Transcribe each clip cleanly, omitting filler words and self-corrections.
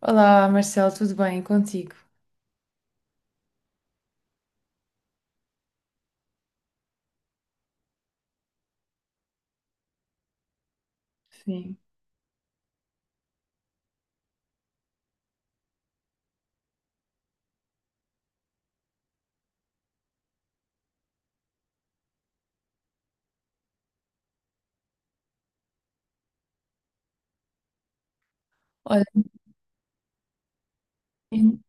Olá, Marcelo, tudo bem contigo? Sim. Olha, en-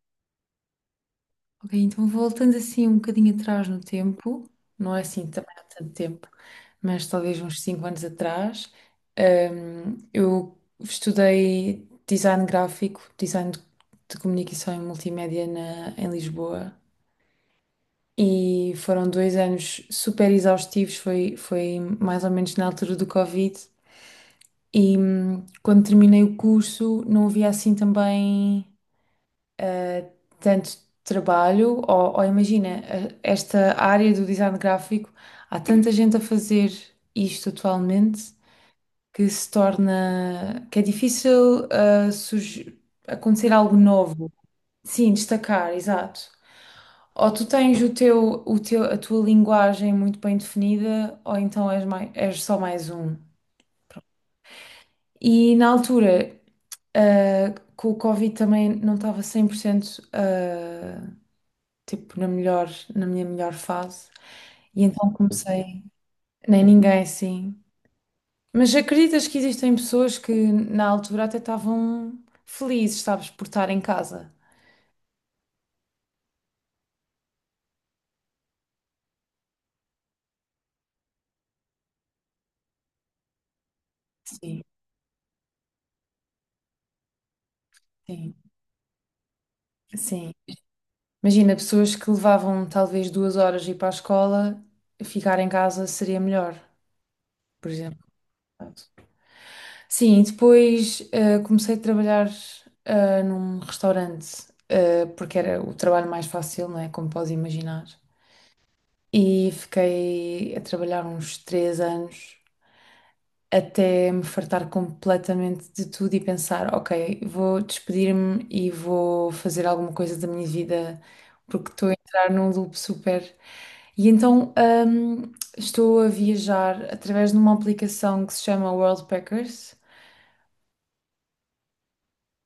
ok, então voltando assim um bocadinho atrás no tempo, não é assim também há tanto tempo, mas talvez uns 5 anos atrás, eu estudei design gráfico, design de comunicação e multimédia na, em Lisboa, e foram 2 anos super exaustivos, foi mais ou menos na altura do Covid. E quando terminei o curso não havia assim também, eh, tanto trabalho, ou imagina, esta área do design gráfico, há tanta gente a fazer isto atualmente que se torna, que é difícil, acontecer algo novo. Sim, destacar, exato. Ou tu tens o teu, a tua linguagem muito bem definida, ou então és, és só mais um. E na altura, ah, com o Covid também não estava 100%, tipo, na minha melhor fase. E então comecei, nem ninguém assim. Mas acreditas que existem pessoas que na altura até estavam felizes, sabes, por estar em casa? Sim, sim, sim. Imagina, pessoas que levavam talvez 2 horas ir para a escola, ficar em casa seria melhor, por exemplo. Pronto. Sim, e depois comecei a trabalhar num restaurante, porque era o trabalho mais fácil, não é? Como podes imaginar. E fiquei a trabalhar uns 3 anos até me fartar completamente de tudo e pensar, ok, vou despedir-me e vou fazer alguma coisa da minha vida, porque estou a entrar num loop super. E então hum, estou a viajar através de uma aplicação que se chama Worldpackers.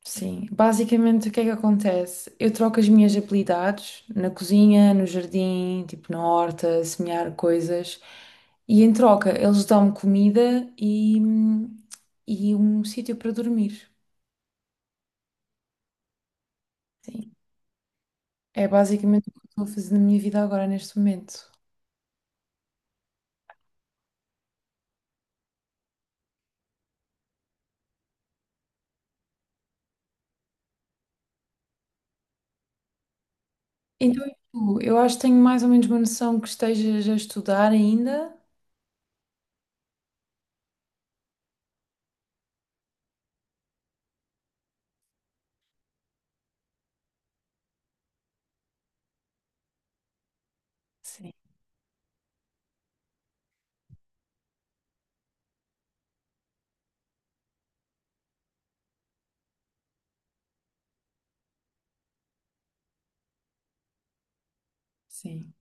Sim, basicamente o que é que acontece? Eu troco as minhas habilidades na cozinha, no jardim, tipo na horta, semear coisas, e em troca eles dão-me comida e um sítio para dormir. Sim, é basicamente o que eu estou a fazer na minha vida agora, neste momento. Então, e tu? Eu acho que tenho mais ou menos uma noção que estejas a estudar ainda. Sim, sim,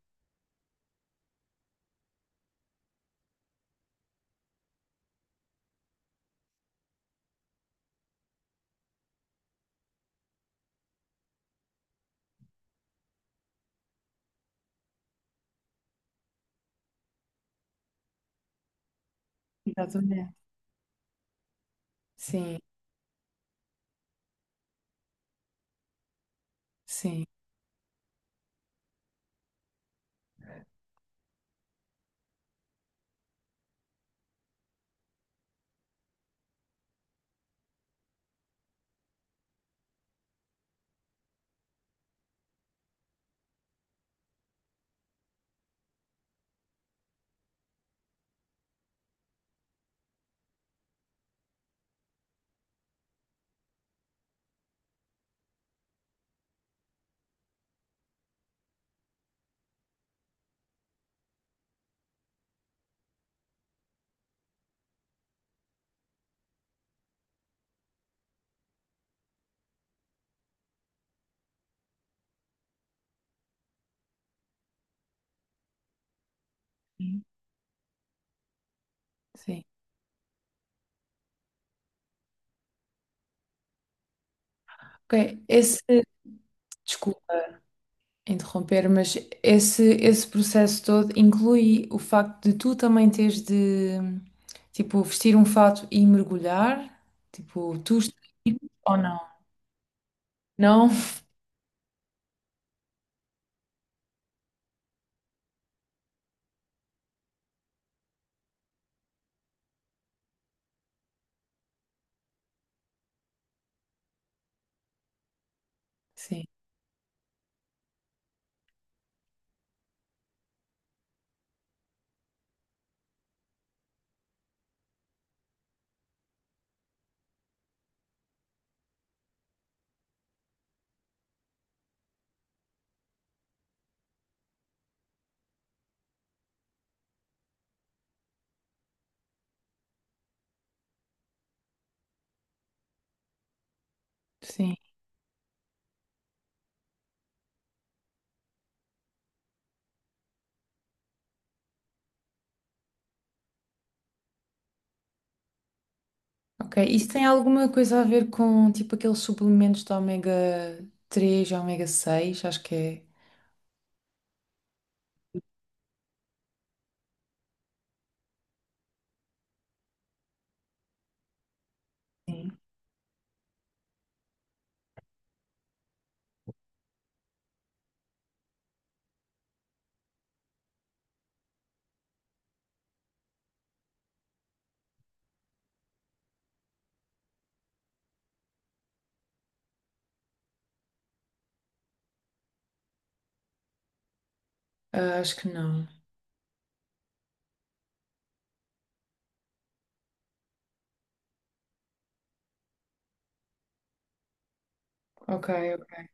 exatamente. Sim, sim, sim. Ok, desculpa interromper, mas esse processo todo inclui o facto de tu também teres de, tipo, vestir um fato e mergulhar, tipo, ou não? Não? Sim, sim. Ok, isso tem alguma coisa a ver com, tipo, aqueles suplementos de ômega 3 e ômega 6. Acho que é. Sim. Ah, acho que não. Ok, ok.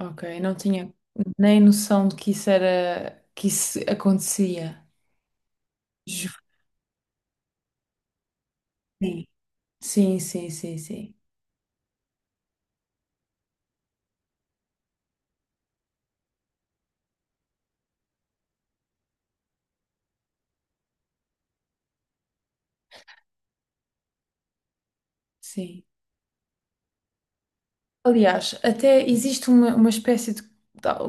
Ok, não tinha nem noção de que isso era, que isso acontecia. Ju- Sim, sim, sim, sim. Sim. Sim. Aliás, até existe uma espécie de,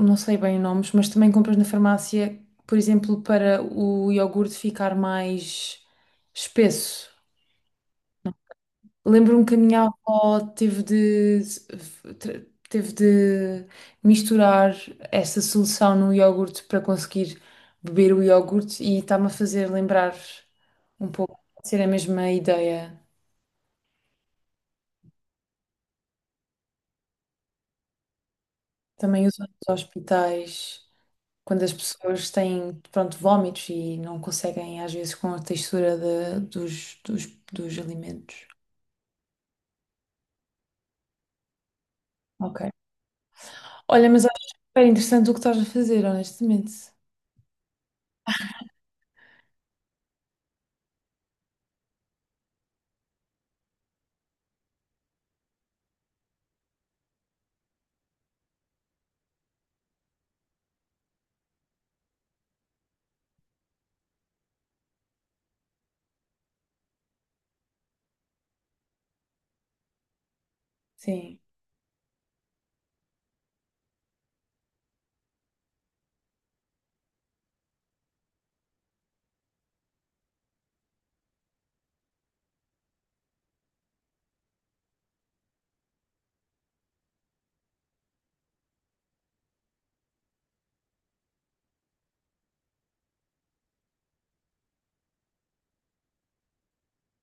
não sei bem os nomes, mas também compras na farmácia, por exemplo, para o iogurte ficar mais espesso. Lembro-me que a minha avó teve de misturar essa solução no iogurte para conseguir beber o iogurte, e está-me a fazer lembrar um pouco, pode ser a mesma ideia. Também usam nos hospitais. Quando as pessoas têm, pronto, vómitos e não conseguem, às vezes, com a textura dos alimentos. Ok. Olha, mas acho super interessante o que estás a fazer, honestamente. Sim,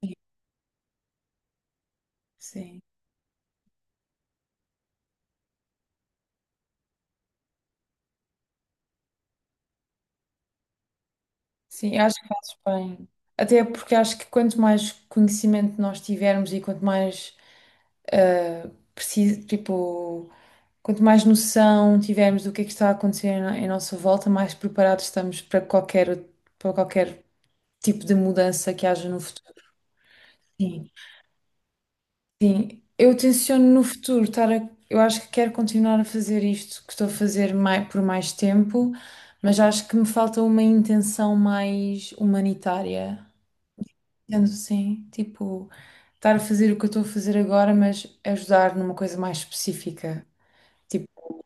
sim, sim. Sim, eu acho que fazes bem. Até porque acho que quanto mais conhecimento nós tivermos e quanto mais preciso, tipo, quanto mais noção tivermos do que é que está a acontecer em em nossa volta, mais preparados estamos para qualquer tipo de mudança que haja no futuro. Sim, sim. Eu tenciono no futuro estar. Eu acho que quero continuar a fazer isto que estou a fazer por mais tempo, mas acho que me falta uma intenção mais humanitária. Sendo assim, tipo, estar a fazer o que eu estou a fazer agora, mas ajudar numa coisa mais específica. Tipo,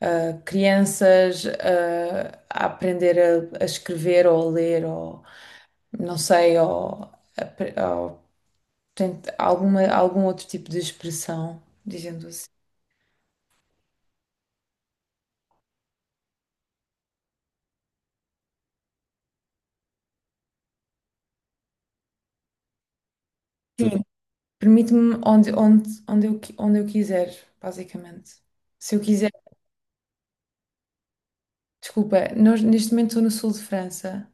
a crianças a aprender a escrever ou a ler ou não sei, ou, portanto, alguma, algum outro tipo de expressão, dizendo assim. Sim, permite-me onde eu quiser, basicamente. Se eu quiser, desculpa, neste momento estou no sul de França.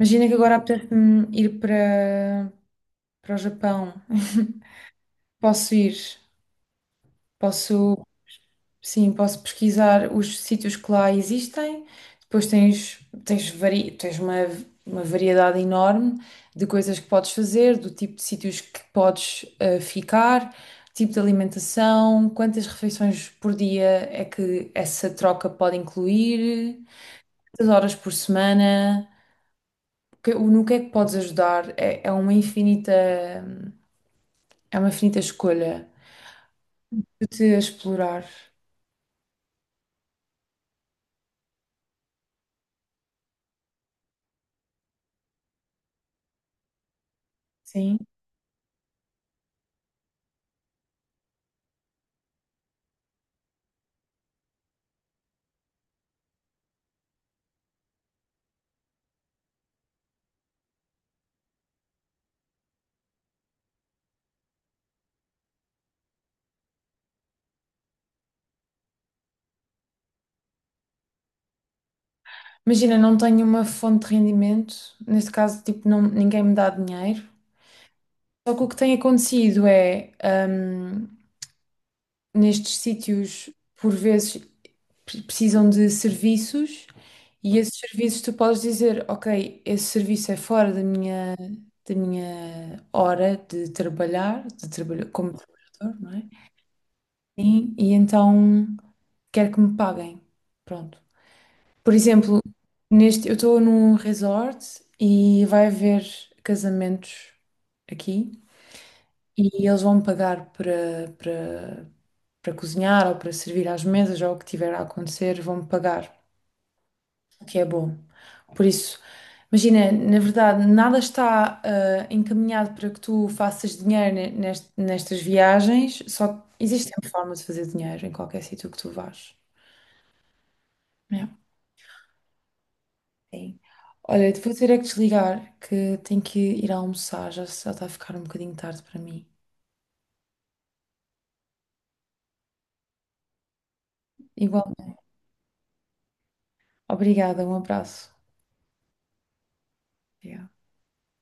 Imagina que agora apetece-me ir para o Japão. Posso ir, posso. Sim, posso pesquisar os sítios que lá existem. Depois tens uma variedade enorme de coisas que podes fazer, do tipo de sítios que podes ficar, tipo de alimentação, quantas refeições por dia é que essa troca pode incluir, quantas horas por semana, no que é que podes ajudar. É uma infinita escolha de te explorar. Sim. Imagina, não tenho uma fonte de rendimento, neste caso, tipo, não, ninguém me dá dinheiro. Só que o que tem acontecido é, hum, nestes sítios, por vezes, precisam de serviços, e esses serviços tu podes dizer, ok, esse serviço é fora da minha hora de trabalhar, de trabalho, como trabalhador, não é? E então quero que me paguem. Pronto. Por exemplo, eu estou num resort e vai haver casamentos aqui, e eles vão me pagar para cozinhar ou para servir às mesas ou o que tiver a acontecer, vão me pagar, o que é bom. Por isso, imagina, na verdade, nada está encaminhado para que tu faças dinheiro nestas viagens, só existe sempre forma de fazer dinheiro em qualquer sítio que tu vás. É. Sim. Olha, vou ter é que desligar, que tenho que ir almoçar, já já está a ficar um bocadinho tarde para mim. Igual. Obrigada, um abraço. Obrigada.